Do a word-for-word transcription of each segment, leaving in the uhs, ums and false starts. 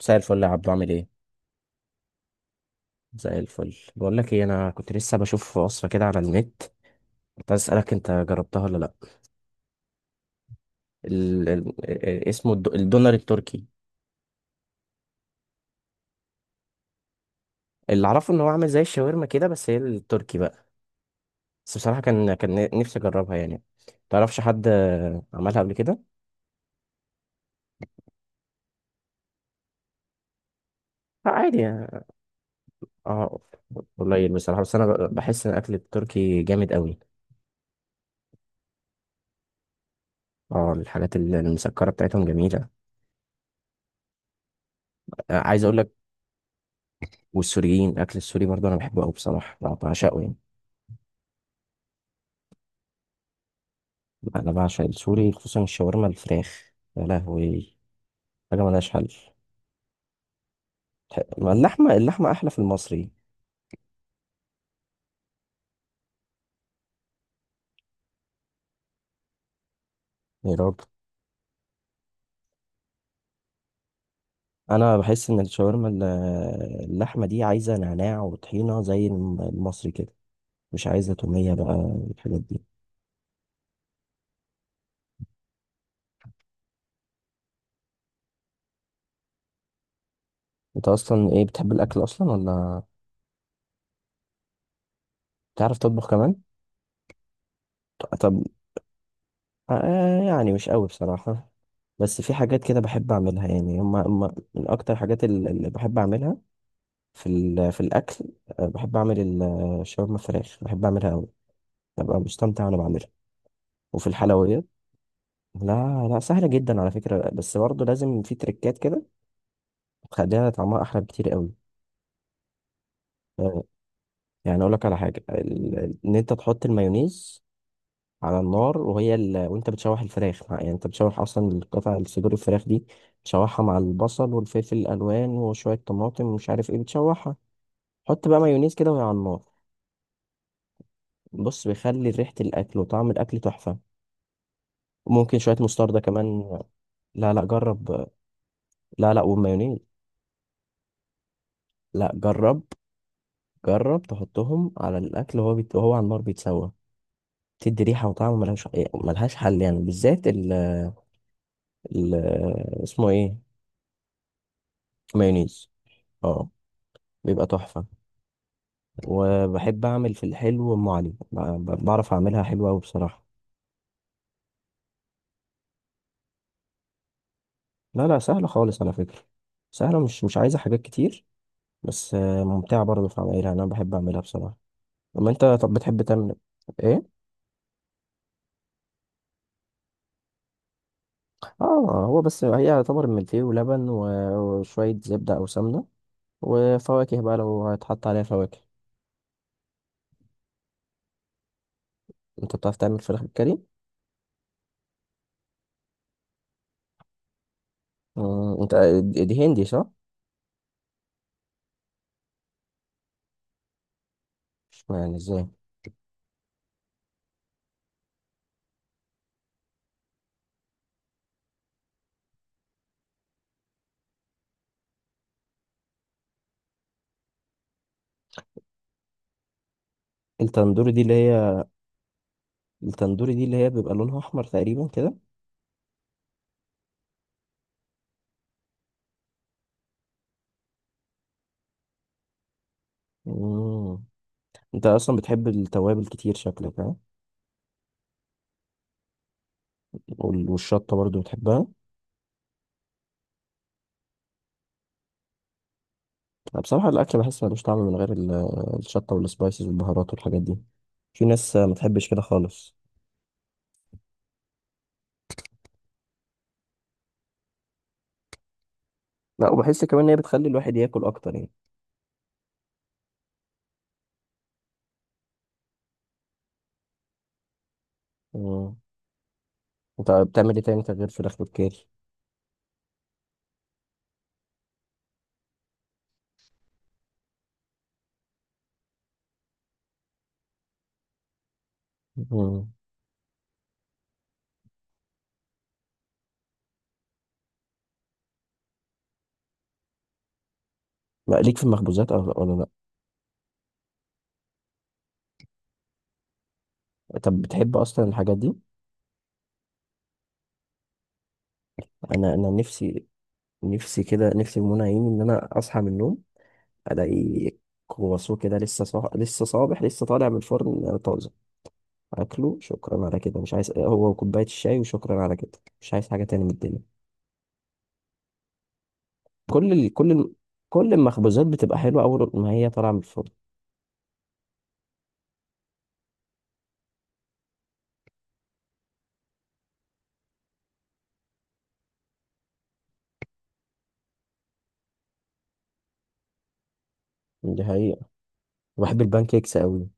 مساء الفل يا عبدو، عامل ايه؟ مساء الفل. بقول لك ايه، انا كنت لسه بشوف وصفه كده على النت. كنت عايز اسالك انت جربتها ولا لا. ال... ال... اسمه الد... الدونر التركي. اللي اعرفه ان هو عامل زي الشاورما كده، بس هي التركي بقى. بس بصراحه كان كان نفسي اجربها يعني. تعرفش حد عملها قبل كده؟ لا عادي يعني. اه، قليل بصراحه، بس انا ب- بحس ان الاكل التركي جامد قوي. اه، الحاجات ال- المسكره بتاعتهم جميله. آه، عايز اقول لك، والسوريين الاكل السوري برضه انا بحبه قوي بصراحه، بعشقه يعني. انا بعشق السوري، خصوصا الشاورما الفراخ، يا لهوي، حاجه ملهاش حل. تح- ما اللحمه، اللحمه احلى في المصري. يا راجل، انا بحس ان الشاورما ال- اللحمه دي عايزه نعناع وطحينه زي الم- المصري كده، مش عايزه توميه بقى والحاجات دي. انت اصلا ايه، بتحب الاكل اصلا ولا؟ بتعرف تطبخ كمان؟ طب، آه يعني مش قوي بصراحه، بس في حاجات كده بحب اعملها، يعني هما هما من اكتر حاجات ال- اللي بحب اعملها في ال- في الاكل. آه، بحب اعمل ال- الشاورما فراخ، بحب اعملها قوي، ببقى مستمتع وانا بعملها. وفي الحلويات، لا لا، سهله جدا على فكره، بس برضه لازم في تريكات كده تخليها طعمها احلى بكتير قوي. آه، يعني اقول لك على حاجه، ال- ان انت تحط المايونيز على النار، وهي ال... وانت بتشوح الفراخ مع- يعني انت بتشوح اصلا القطع، الصدور الفراخ دي تشوحها مع البصل والفلفل الالوان وشويه طماطم ومش عارف ايه، بتشوحها، حط بقى مايونيز كده وهي على النار. بص، بيخلي ريحه الاكل وطعم الاكل تحفه. ممكن شوية مستردة كمان. لا لا، جرب. لا لا، والمايونيز. لا جرب، جرب تحطهم على الأكل وهو بيت... وهو على النار بيتسوى. تدي ريحة وطعم ملهاش، ملهاش حل، يعني بالذات ال... ال... اسمه ايه، مايونيز. اه، بيبقى تحفة. وبحب أعمل في الحلو أم علي، ب... ب- بعرف أعملها حلوة أوي بصراحة. لا لا، سهلة خالص على فكرة، سهلة، مش مش عايزة حاجات كتير، بس آه، ممتعة برضه في عملها، أنا بحب أعملها بصراحة. أما أنت طب، بتحب تعمل إيه؟ اه، هو بس هي يعتبر ملفيه ولبن و- وشوية زبدة أو سمنة وفواكه بقى لو هيتحط عليها فواكه. انت بتعرف تعمل فراخ بالكاري؟ مم، انت، دي دي هندي صح؟ مش معنى ازاي؟ التندوري دي اللي هي، التندوري دي اللي هي بيبقى لونها أحمر تقريبا كده. مم. انت أصلا بتحب التوابل كتير شكلك، ها؟ وال- والشطة برضو بتحبها؟ أنا بصراحة الأكل بحس ملوش طعم من غير ال- الشطة والسبايسز والبهارات والحاجات دي، في ناس ما تحبش كده خالص. لا، وبحس كمان ان هي بتخلي الواحد ياكل اكتر يعني. مم. انت بتعمل ايه تاني غير فراخ بالكاري؟ مم. لا ليك في المخبوزات أو، ولا لا؟ طب بتحب اصلا الحاجات دي؟ انا انا نفسي، نفسي كده، نفسي في منى عيني ان انا اصحى من النوم الاقي كرواسون كده لسه صح... لسه صابح، لسه طالع من الفرن طازه، اكله، شكرا على كده، مش عايز هو وكوبايه الشاي وشكرا على كده، مش عايز حاجه تاني من الدنيا. كل ال... كل ال... كل المخبوزات بتبقى حلوه اول ما هي طالعه من الفرن. دي حقيقه، بحب البان كيكس قوي.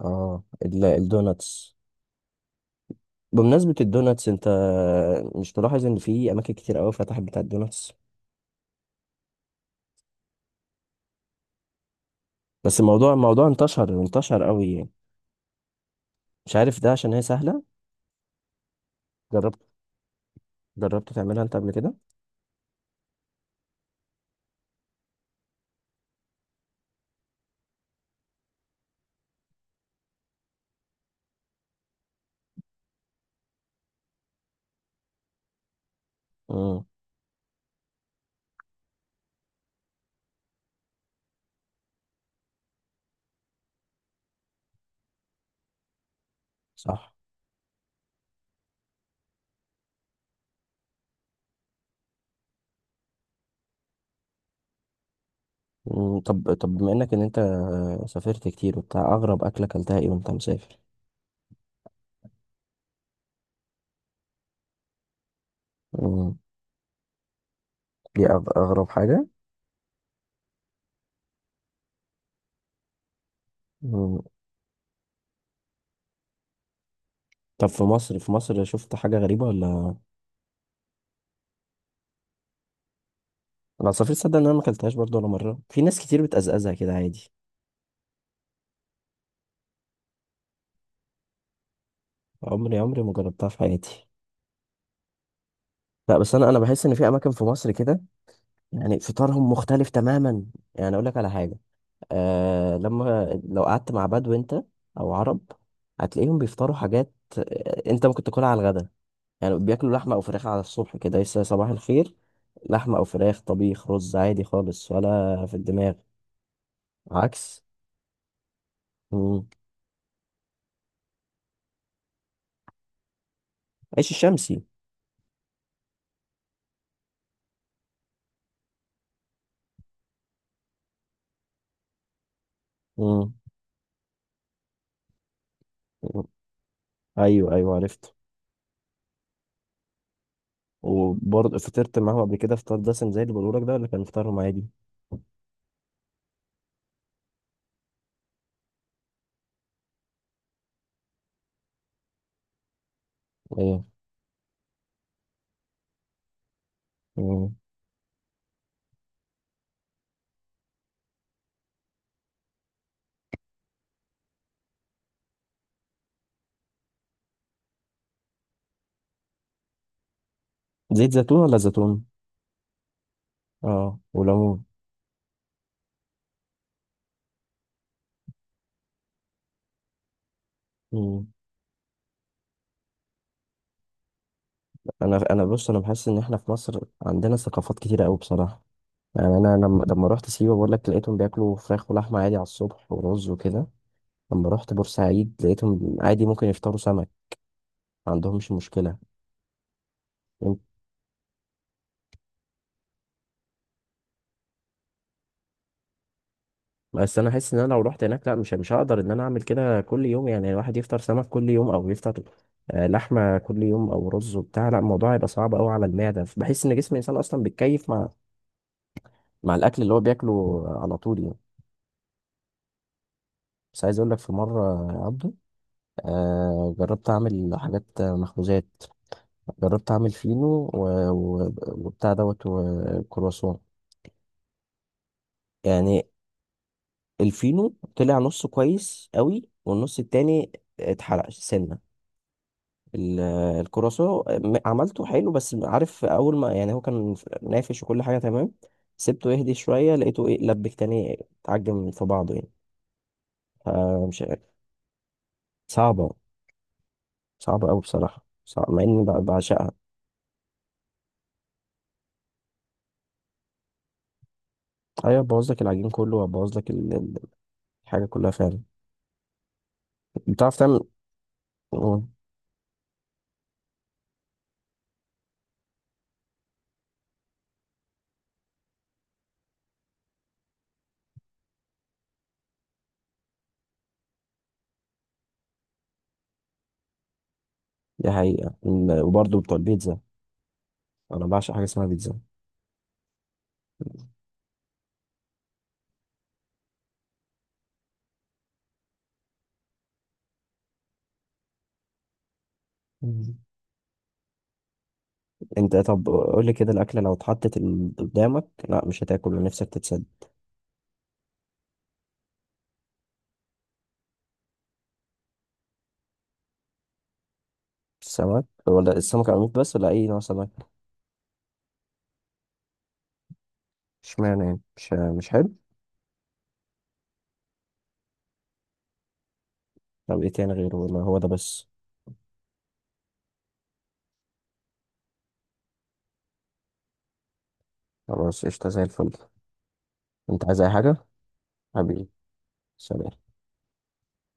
اه، ال- الدوناتس، بمناسبة الدوناتس انت مش ملاحظ ان في اماكن كتير قوي فتحت بتاع الدوناتس؟ بس الموضوع الموضوع انتشر انتشر قوي يعني، مش عارف ده عشان هي سهلة. جربت، جربت تعملها انت قبل كده؟ امم. صح. مم. طب طب بما انك ان انت سافرت كتير وبتاع، اغرب اكلة اكلتها ايه وانت مسافر؟ امم، دي أغ- اغرب حاجة. مم. طب في مصر، في مصر شفت حاجة غريبة ولا؟ انا سافرت، صدق ان انا ما اكلتهاش برضه ولا مرة، في ناس كتير بتقزقزها كده عادي. عمري عمري ما جربتها في حياتي. لا بس انا انا بحس ان في اماكن في مصر كده يعني فطارهم مختلف تماما. يعني اقول لك على حاجه، آه، لما لو قعدت مع بدو انت او عرب هتلاقيهم بيفطروا حاجات، آه، انت ممكن تاكلها على الغدا، يعني بياكلوا لحمه او فراخ على الصبح كده لسه صباح الخير، لحمه او فراخ، طبيخ، رز، عادي خالص ولا في الدماغ. عكس. مم. عيش الشمسي. مم. مم. ايوه ايوه، عرفت. وبرضه فطرت معاهم قبل كده فطار دسم زي اللي بقوله لك ده ولا كان فطارهم عادي؟ ايوه. زيت زيتون ولا زيتون؟ اه وليمون. مم. انا انا بص، انا بحس ان احنا في مصر عندنا ثقافات كتيره قوي بصراحه. يعني انا لما لما رحت سيوه، بقول لك، لقيتهم بياكلوا فراخ ولحمه عادي على الصبح ورز وكده. لما رحت بورسعيد، لقيتهم عادي ممكن يفطروا سمك، ما عندهمش مشكله. يم- بس انا حاسس ان انا لو رحت هناك، لا، مش مش هقدر ان انا اعمل كده كل يوم، يعني الواحد يفطر سمك كل يوم او يفطر آه، لحمه كل يوم او رز وبتاع، لا، الموضوع هيبقى صعب قوي على المعده. بحس ان جسم الانسان اصلا بيتكيف مع مع الاكل اللي هو بياكله على طول يعني. بس عايز اقول لك، في مره يا عبده، آه جربت اعمل حاجات مخبوزات، جربت اعمل فينو و... و... وبتاع دوت وكرواسون يعني. الفينو طلع نصه كويس قوي، والنص التاني اتحرق سنه. ال- الكرواسون م- عملته حلو، بس عارف، اول ما يعني هو كان نافش وكل حاجه تمام، سبته يهدي شويه لقيته ايه، لبك تاني، اتعجن في بعضه يعني، فمش. صعبه، صعبة أوي بصراحة، صعب مع إني بع- بعشقها. أيوة، بوظ لك العجين كله وبوظ لك ال- ال- الحاجة كلها فعلا. بتعرف تعمل؟ مم. دي حقيقة. ال- وبرضه بتوع البيتزا، أنا بعشق حاجة اسمها بيتزا. مم. أنت طب قول لي كده، الأكلة لو اتحطت ال- قدامك، لا مش هتاكل نفسك تتسد؟ السمك ولا السمك عميق بس ولا أي نوع سمك؟ اشمعنى يعني، مش مش حلو؟ طب إيه تاني غيره ولا هو ده بس؟ خلاص، قشطة زي الفل، أنت عايز أي حاجة؟ حبيبي، سلام.